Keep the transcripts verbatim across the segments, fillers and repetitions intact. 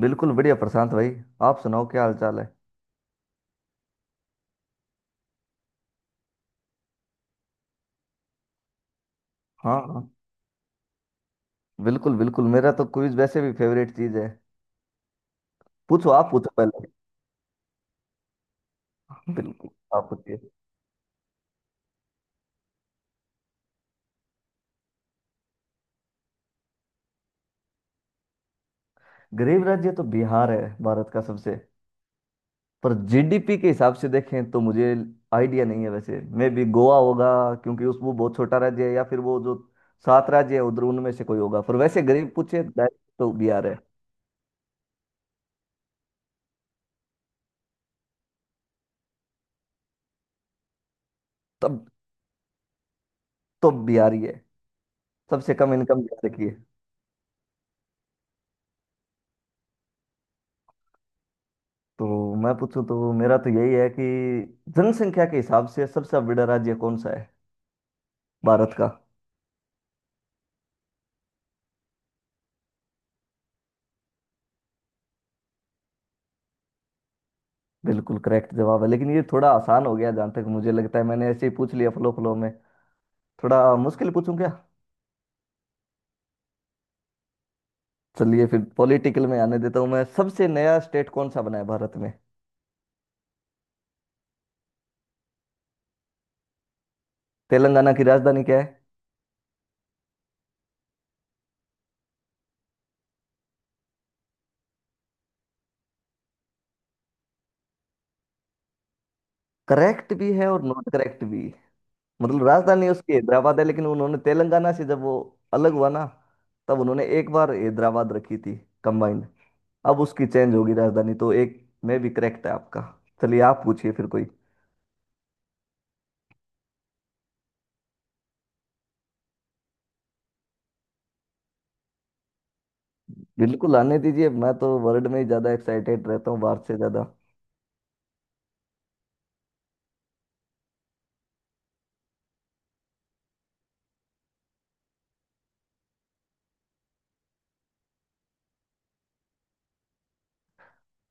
बिल्कुल बढ़िया, प्रशांत भाई। आप सुनाओ क्या हाल चाल है? हाँ हाँ। बिल्कुल बिल्कुल, मेरा तो क्विज वैसे भी फेवरेट चीज है। पूछो, आप पूछो पहले। बिल्कुल, आप पूछिए। गरीब राज्य तो बिहार है भारत का सबसे। पर जीडीपी के हिसाब से देखें तो मुझे आइडिया नहीं है, वैसे मे भी गोवा होगा। क्योंकि उस वो बहुत छोटा राज्य है, या फिर वो जो सात राज्य है उधर उनमें से कोई होगा। पर वैसे गरीब पूछे direct तो बिहार है। तब तो बिहार ही है। सबसे कम इनकम बिहार की। तो मैं पूछूं तो मेरा तो यही है कि जनसंख्या के हिसाब से सबसे बड़ा राज्य कौन सा है भारत का? बिल्कुल करेक्ट जवाब है, लेकिन ये थोड़ा आसान हो गया। जहाँ तक मुझे लगता है, मैंने ऐसे ही पूछ लिया फ्लो फ्लो में। थोड़ा मुश्किल पूछूं क्या? चलिए फिर पॉलिटिकल में आने देता हूँ। मैं सबसे नया स्टेट कौन सा बना है भारत में? तेलंगाना की राजधानी क्या है? करेक्ट भी है और नॉट करेक्ट भी। मतलब राजधानी उसकी हैदराबाद है, लेकिन उन्होंने तेलंगाना से जब वो अलग हुआ ना, तब उन्होंने एक बार हैदराबाद रखी थी कंबाइंड। अब उसकी चेंज होगी राजधानी, तो एक में भी करेक्ट है आपका। चलिए आप पूछिए फिर कोई। बिल्कुल, आने दीजिए। मैं तो वर्ल्ड में ही ज़्यादा एक्साइटेड रहता हूँ भारत से ज़्यादा।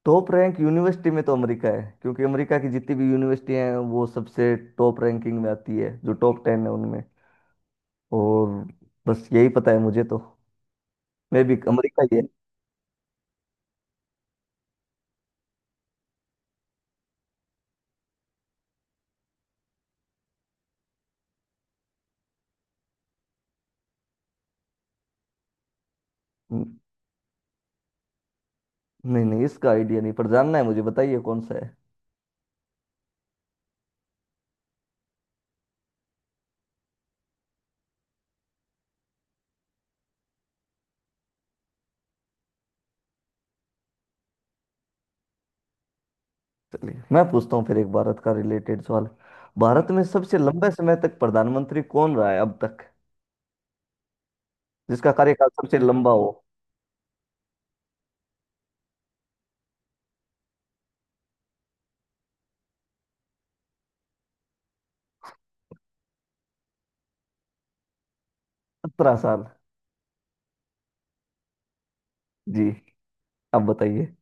टॉप रैंक यूनिवर्सिटी में तो अमेरिका है, क्योंकि अमेरिका की जितनी भी यूनिवर्सिटी हैं वो सबसे टॉप रैंकिंग में आती है, जो टॉप टेन है उनमें। और बस यही पता है मुझे तो। मैं भी अमेरिका ही है। न- नहीं नहीं, इसका आइडिया नहीं पर जानना है, मुझे बताइए कौन सा है। चलिए मैं पूछता हूँ फिर एक भारत का रिलेटेड सवाल। भारत में सबसे लंबे समय तक प्रधानमंत्री कौन रहा है अब तक? जिसका कार्यकाल सबसे लंबा हो। सत्रह साल। जी। अब बताइए।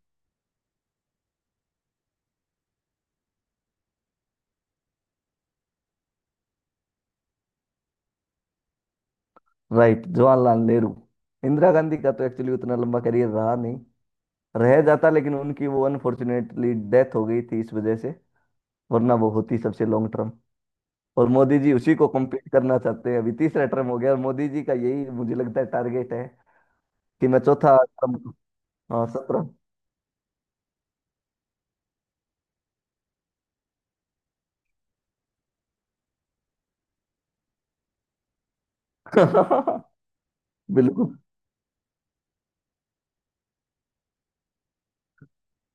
राइट, जवाहरलाल नेहरू। इंदिरा गांधी का तो एक्चुअली उतना लंबा करियर रहा नहीं। रह जाता, लेकिन उनकी वो अनफॉर्चुनेटली डेथ हो गई थी, इस वजह से। वरना वो होती सबसे लॉन्ग टर्म। और मोदी जी उसी को कंप्लीट करना चाहते हैं, अभी तीसरा टर्म हो गया, और मोदी जी का यही मुझे लगता है टारगेट है कि मैं चौथा टर्म। हाँ सत्रह। बिल्कुल।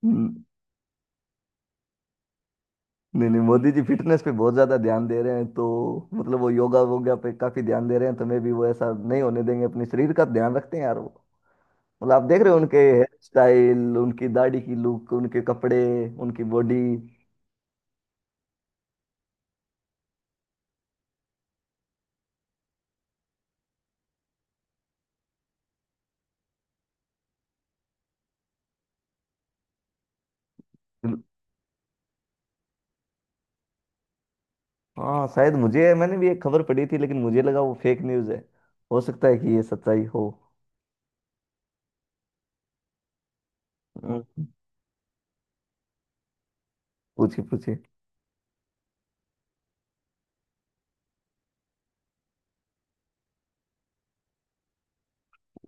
हम्म, नहीं नहीं, मोदी जी फिटनेस पे बहुत ज्यादा ध्यान दे रहे हैं तो। मतलब वो योगा वोगा पे काफी ध्यान दे रहे हैं तो मैं भी वो ऐसा नहीं होने देंगे, अपने शरीर का ध्यान रखते हैं यार वो। मतलब आप देख रहे हो उनके हेयर स्टाइल, उनकी दाढ़ी की लुक, उनके कपड़े, उनकी बॉडी। हाँ शायद, मुझे मैंने भी एक खबर पढ़ी थी, लेकिन मुझे लगा वो फेक न्यूज है। हो सकता है कि ये सच्चाई हो। हम्म, पूछिए पूछिए।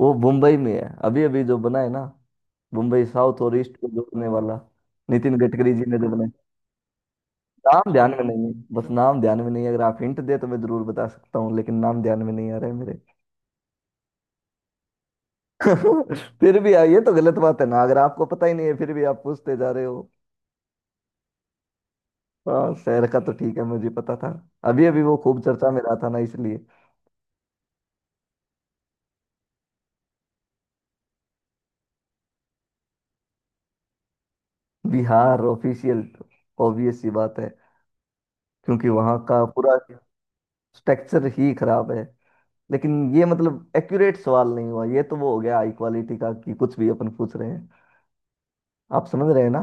वो मुंबई में है, अभी अभी जो बना है ना। मुंबई साउथ और ईस्ट को जोड़ने वाला, नितिन गडकरी जी ने जो बनाया। नाम ध्यान में नहीं है, बस नाम ध्यान में नहीं है। अगर आप हिंट दे तो मैं जरूर बता सकता हूँ, लेकिन नाम ध्यान में नहीं आ रहा है मेरे। फिर भी आ- ये तो गलत बात है ना, अगर आपको पता ही नहीं है फिर भी आप पूछते जा रहे हो। हाँ शहर का तो ठीक है, मुझे पता था। अभी अभी वो खूब चर्चा में रहा था ना, इसलिए। बिहार ऑफिशियल। ऑब्वियस सी बात है, क्योंकि वहाँ का पूरा स्ट्रक्चर ही खराब है। लेकिन ये मतलब एक्यूरेट सवाल नहीं हुआ, ये तो वो हो गया हाई क्वालिटी का कि कुछ भी अपन पूछ रहे हैं। आप समझ रहे हैं ना?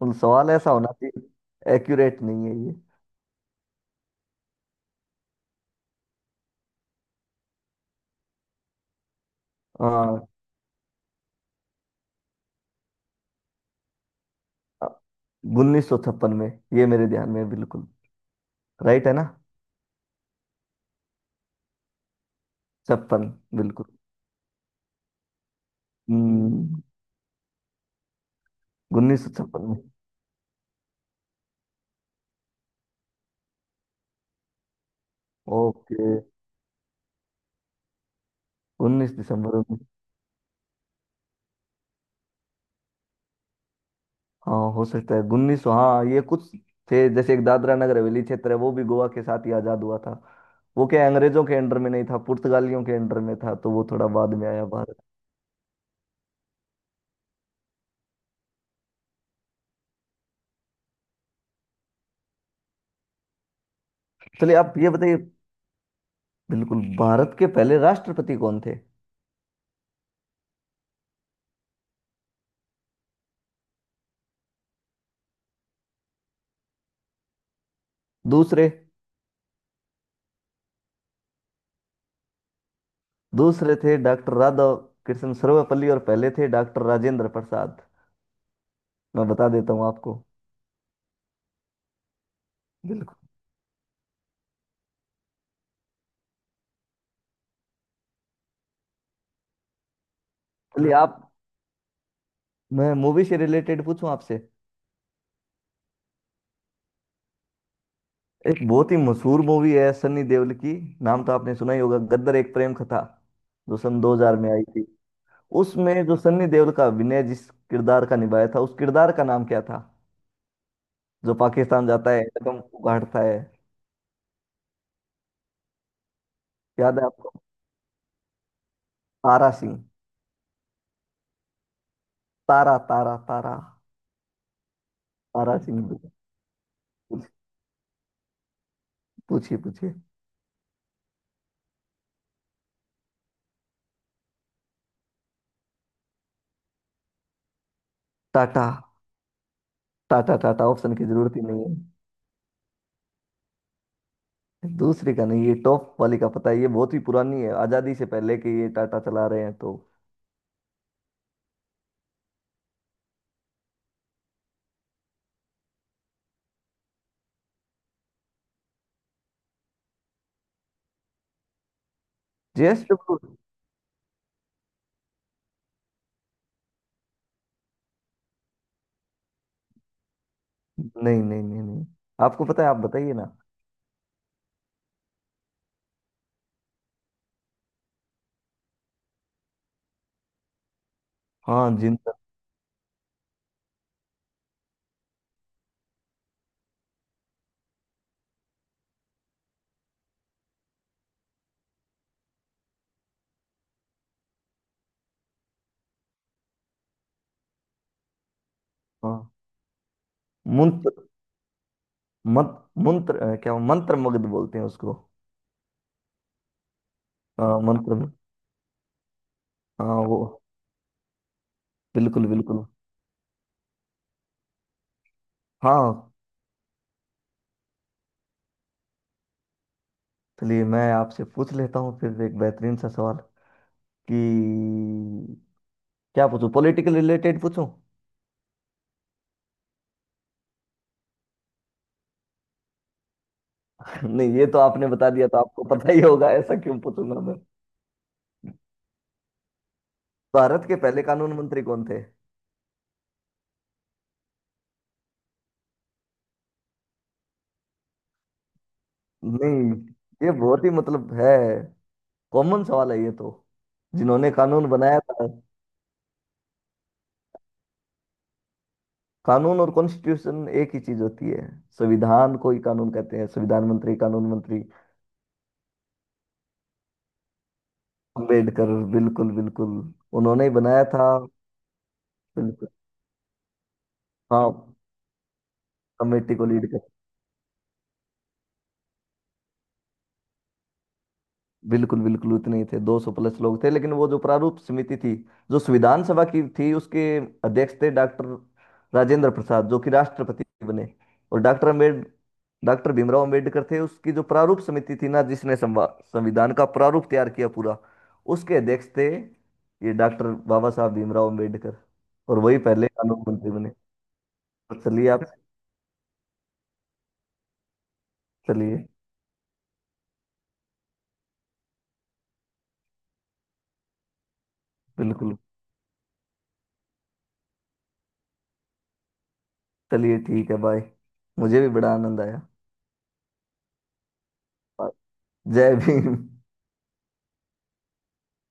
तो सवाल ऐसा होना चाहिए, एक्यूरेट नहीं है ये। हाँ, उन्नीस सौ छप्पन में। ये मेरे ध्यान में है, बिल्कुल। राइट है ना? छप्पन। बिल्कुल। हम्म। उन्नीस सौ छप्पन में। ओके। उन्नीस दिसंबर उन्नीस। हाँ हो सकता है, उन्नीस सौ, हाँ ये कुछ थे। जैसे एक दादरा नगर हवेली क्षेत्र है, वो भी गोवा के साथ ही आजाद हुआ था। वो क्या, अंग्रेजों के अंडर में नहीं था, पुर्तगालियों के अंडर में था, तो वो थोड़ा बाद में आया भारत। चलिए आप ये बताइए। बिल्कुल, भारत के पहले राष्ट्रपति कौन थे? दूसरे? दूसरे थे डॉक्टर राधा कृष्ण सर्वपल्ली, और पहले थे डॉक्टर राजेंद्र प्रसाद। मैं बता देता हूँ आपको। बिल्कुल। चलिए आप। मैं मूवी से रिलेटेड पूछूं आपसे? एक बहुत ही मशहूर मूवी है सनी देओल की, नाम तो आपने सुना ही होगा, गद्दर एक प्रेम कथा, जो सन दो हज़ार में आई थी। उसमें जो सनी देओल का अभिनय, जिस किरदार का निभाया था, उस किरदार का नाम क्या था? जो पाकिस्तान जाता है कदम उगाड़ता है। याद है आपको? तारा सिंह। तारा तारा तारा। तारा सिंह। पूछ- पूछिए पूछिए। टाटा। टाटा टाटा ऑप्शन की जरूरत ही नहीं है। दूसरी का नहीं, ये टॉप वाली का पता है, ये बहुत ही पुरानी है, आजादी से पहले के ये टाटा चला रहे हैं तो। जेएसडब्ल्यू। नहीं नहीं नहीं नहीं। आपको पता है, आप बताइए ना। हाँ, जिंदल। हाँ मंत्र, मंत्र मंत्र, अ, क्या वो, मंत्र मगध बोलते हैं उसको? हाँ मंत्र। हाँ वो। बिल्कुल बिल्कुल। हाँ। चलिए मैं आपसे पूछ लेता हूँ फिर एक बेहतरीन सा सवाल। कि क्या पूछूं, पॉलिटिकल रिलेटेड पूछूं? नहीं ये तो आपने बता दिया, तो आपको पता ही होगा, ऐसा क्यों पूछूंगा मैं। भारत के पहले कानून मंत्री कौन थे? नहीं ये बहुत ही मतलब है, कॉमन सवाल है ये तो। जिन्होंने कानून बनाया था। कानून और कॉन्स्टिट्यूशन एक ही चीज होती है, संविधान को ही कानून कहते हैं। संविधान मंत्री, कानून मंत्री। अम्बेडकर। बिल्कुल बिल्कुल, उन्होंने ही बनाया था। बिल्कुल। हाँ। कमेटी को लीड। बिल्कुल बिल्कुल उतने ही थे, दो सौ प्लस लोग थे, लेकिन वो जो प्रारूप समिति थी, जो संविधान सभा की थी, उसके अध्यक्ष थे डॉक्टर राजेंद्र प्रसाद, जो कि राष्ट्रपति बने। और डॉक्टर अम्बेड डॉक्टर भीमराव अम्बेडकर थे उसकी जो प्रारूप समिति थी ना, जिसने संवा- संविधान का प्रारूप तैयार किया पूरा। उसके अध्यक्ष थे ये डॉक्टर बाबा साहब भीमराव अम्बेडकर। और वही पहले कानून मंत्री बने। तो चलिए आप। चलिए। बिल्कुल। चलिए ठीक है, बाय। मुझे भी बड़ा आनंद आया। Bye। जय भीम।